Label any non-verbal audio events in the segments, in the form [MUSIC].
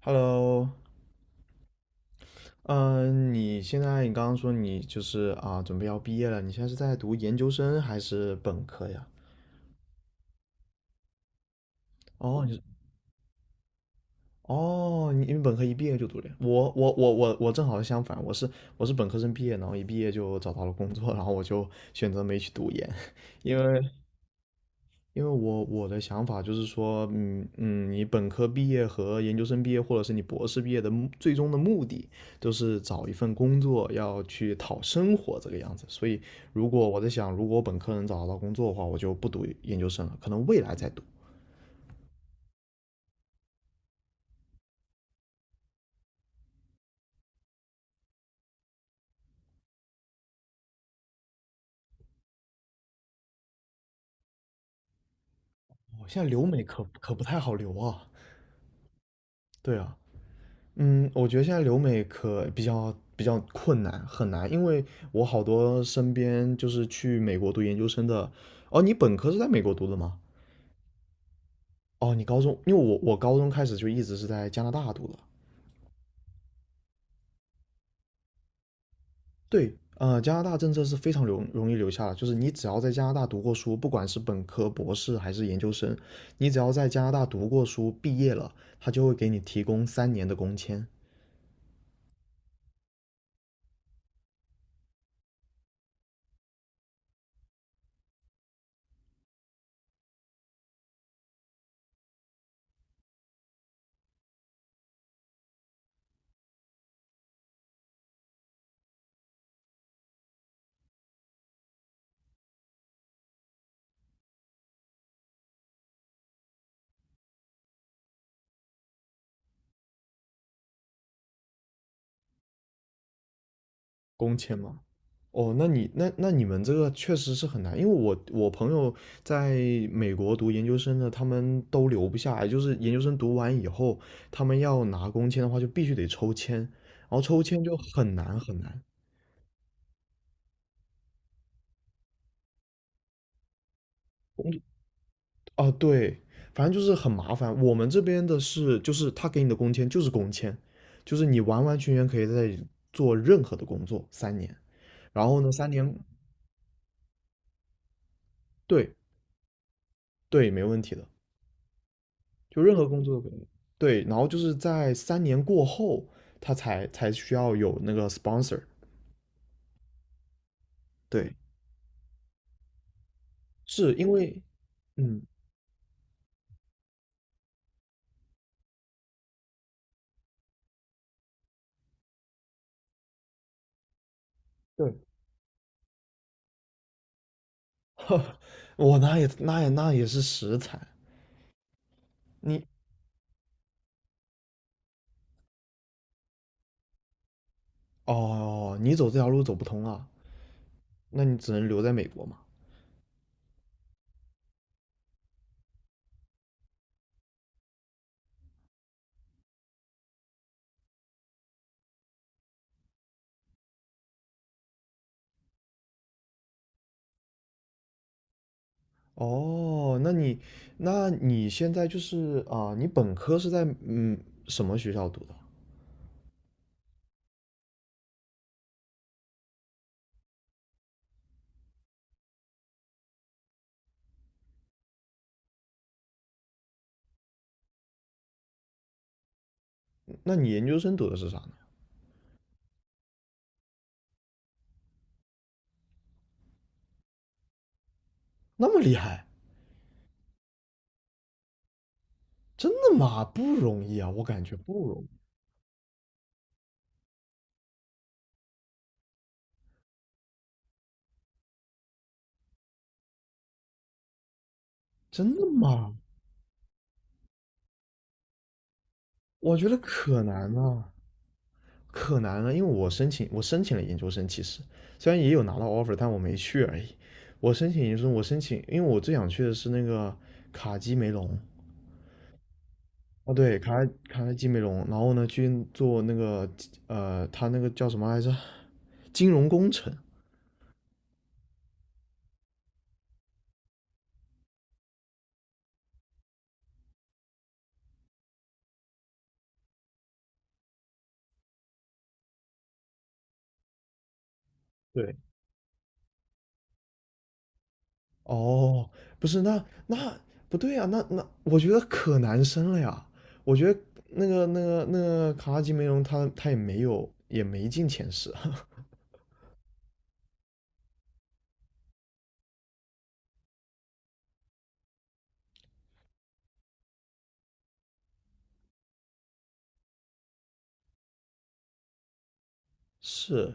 Hello，嗯，你现在你刚刚说你就是，准备要毕业了，你现在是在读研究生还是本科呀？哦，你是哦，你因为本科一毕业就读了呀，我正好相反，我是本科生毕业，然后一毕业就找到了工作，然后我就选择没去读研，[LAUGHS] 因为因为我的想法就是说，你本科毕业和研究生毕业，或者是你博士毕业的最终的目的，都是找一份工作，要去讨生活这个样子。所以，如果我在想，如果我本科能找到工作的话，我就不读研究生了，可能未来再读。哦，现在留美可不太好留啊。对啊，嗯，我觉得现在留美可比较比较困难，很难，因为我好多身边就是去美国读研究生的。哦，你本科是在美国读的吗？哦，你高中，因为我高中开始就一直是在加拿大读的。对，加拿大政策是非常容易留下的，就是你只要在加拿大读过书，不管是本科、博士还是研究生，你只要在加拿大读过书，毕业了，他就会给你提供三年的工签。工签吗？哦，那你们这个确实是很难，因为我朋友在美国读研究生的，他们都留不下来，就是研究生读完以后，他们要拿工签的话，就必须得抽签，然后抽签就很难很难。啊，对，反正就是很麻烦。我们这边的是，就是他给你的工签就是工签，就是你完完全全可以在这里做任何的工作三年。然后呢，三年，对对，没问题的，就任何工作都可以。对，然后就是在三年过后，他才需要有那个 sponsor。对，是因为，嗯，对，[LAUGHS] 我那是食材，你哦，你走这条路走不通啊，那你只能留在美国嘛。哦，那你现在就是、你本科是在什么学校读的？那你研究生读的是啥呢？那么厉害，真的吗？不容易啊，我感觉不容易，真的吗？我觉得可难了，可难了，因为我申请了研究生，其实虽然也有拿到 offer，但我没去而已。我申请研究生，我申请，因为我最想去的是那个卡基梅隆，哦，对，卡莱基梅隆，然后呢去做那个他那个叫什么来着？金融工程。对，哦，不是，不对啊，我觉得可难升了呀。我觉得那个卡拉基梅隆他也没有也没进前十。[LAUGHS] 是，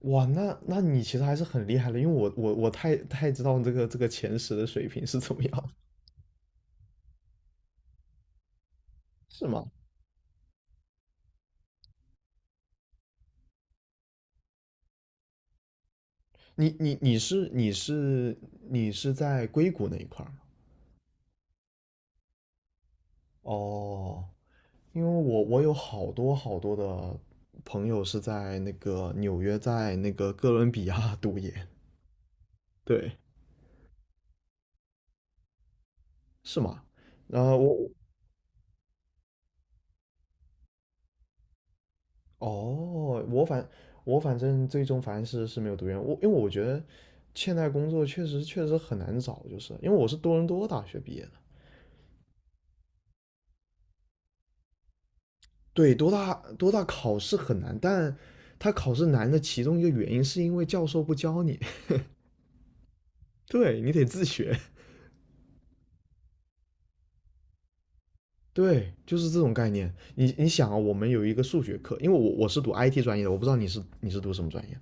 哇，那那你其实还是很厉害的，因为我太太知道这个这个前十的水平是怎么样，[LAUGHS] 是吗？你你是在硅谷那一块儿？哦，因为我有好多好多的朋友是在那个纽约，在那个哥伦比亚 [LAUGHS] 读研，对，是吗？然后我哦，我反正最终反正是是没有读研，我因为我觉得现在工作确实确实很难找，就是因为我是多伦多大学毕业的。对，多大考试很难，但他考试难的其中一个原因是因为教授不教你，[LAUGHS] 对你得自学。对，就是这种概念。你你想啊，我们有一个数学课，因为我是读 IT 专业的，我不知道你读什么专业。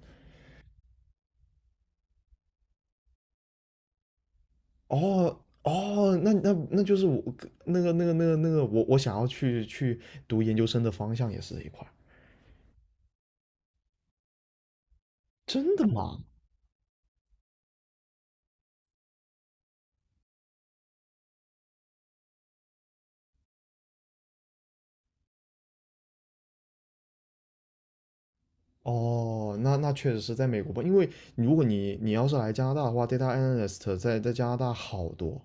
哦哦，那那那就是我那个我想要去读研究生的方向也是这一块儿。真的吗？哦，那那确实是在美国吧，因为如果你你要是来加拿大的话，data analyst 在加拿大好多，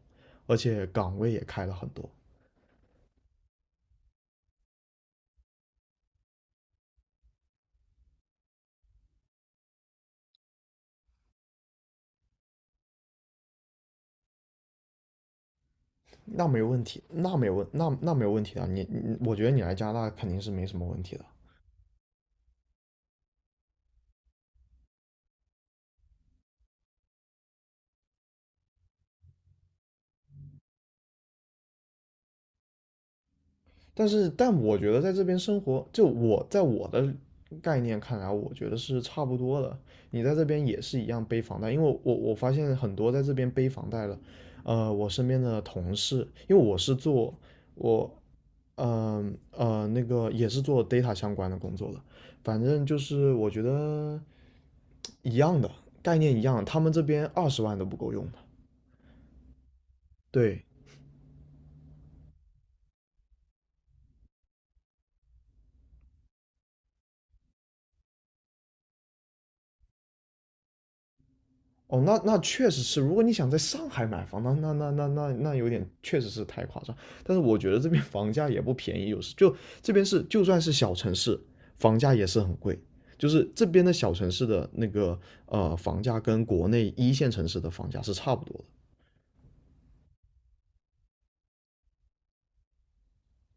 而且岗位也开了很多。那没问题，那没有问题的啊，你我觉得你来加拿大肯定是没什么问题的。但是但我觉得在这边生活，就我在我的概念看来，我觉得是差不多的。你在这边也是一样背房贷，因为我发现很多在这边背房贷的，我身边的同事，因为我是做我呃那个也是做 data 相关的工作的，反正就是我觉得一样的概念一样，他们这边二十万都不够用的，对，哦，那那确实是，如果你想在上海买房，那有点确实是太夸张。但是我觉得这边房价也不便宜，有时就这边是就算是小城市，房价也是很贵。就是这边的小城市的那个房价跟国内一线城市的房价是差不多的。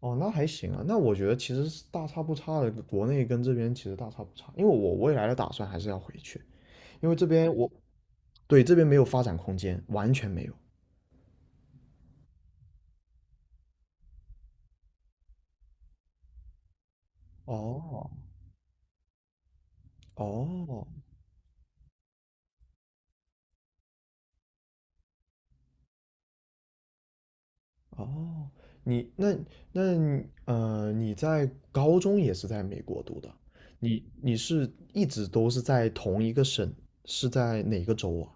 哦，那还行啊，那我觉得其实是大差不差的，国内跟这边其实大差不差。因为我未来的打算还是要回去，因为这边我对这边没有发展空间，完全没有。哦哦，哦，你那那你你在高中也是在美国读的，你是一直都是在同一个省，是在哪个州啊？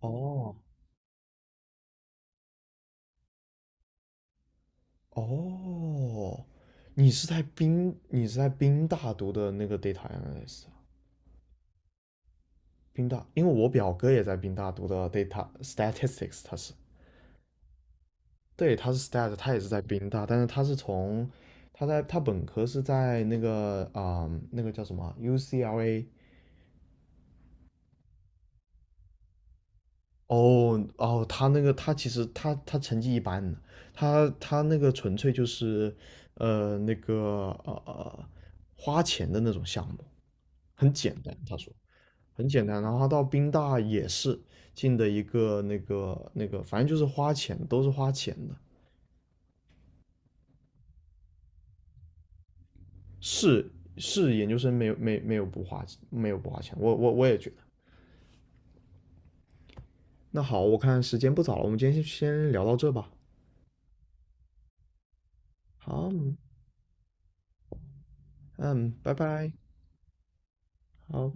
哦哦，你是在宾大读的那个 data analyst，啊宾大，因为我表哥也在宾大读的 data [LAUGHS] statistics，他是，对，他是 stat，他也是在宾大，但是他是从他在他本科是在那个啊、那个叫什么 UCLA。哦哦，他那个他其实他他成绩一般的，他那个纯粹就是呃那个呃呃花钱的那种项目，很简单，他说很简单。然后他到宾大也是进的一个那个，反正就是花钱，都是花钱的。是是研究生没有不花钱，我也觉得。那好，我看时间不早了，我们今天先聊到这吧。好，嗯，拜拜，好。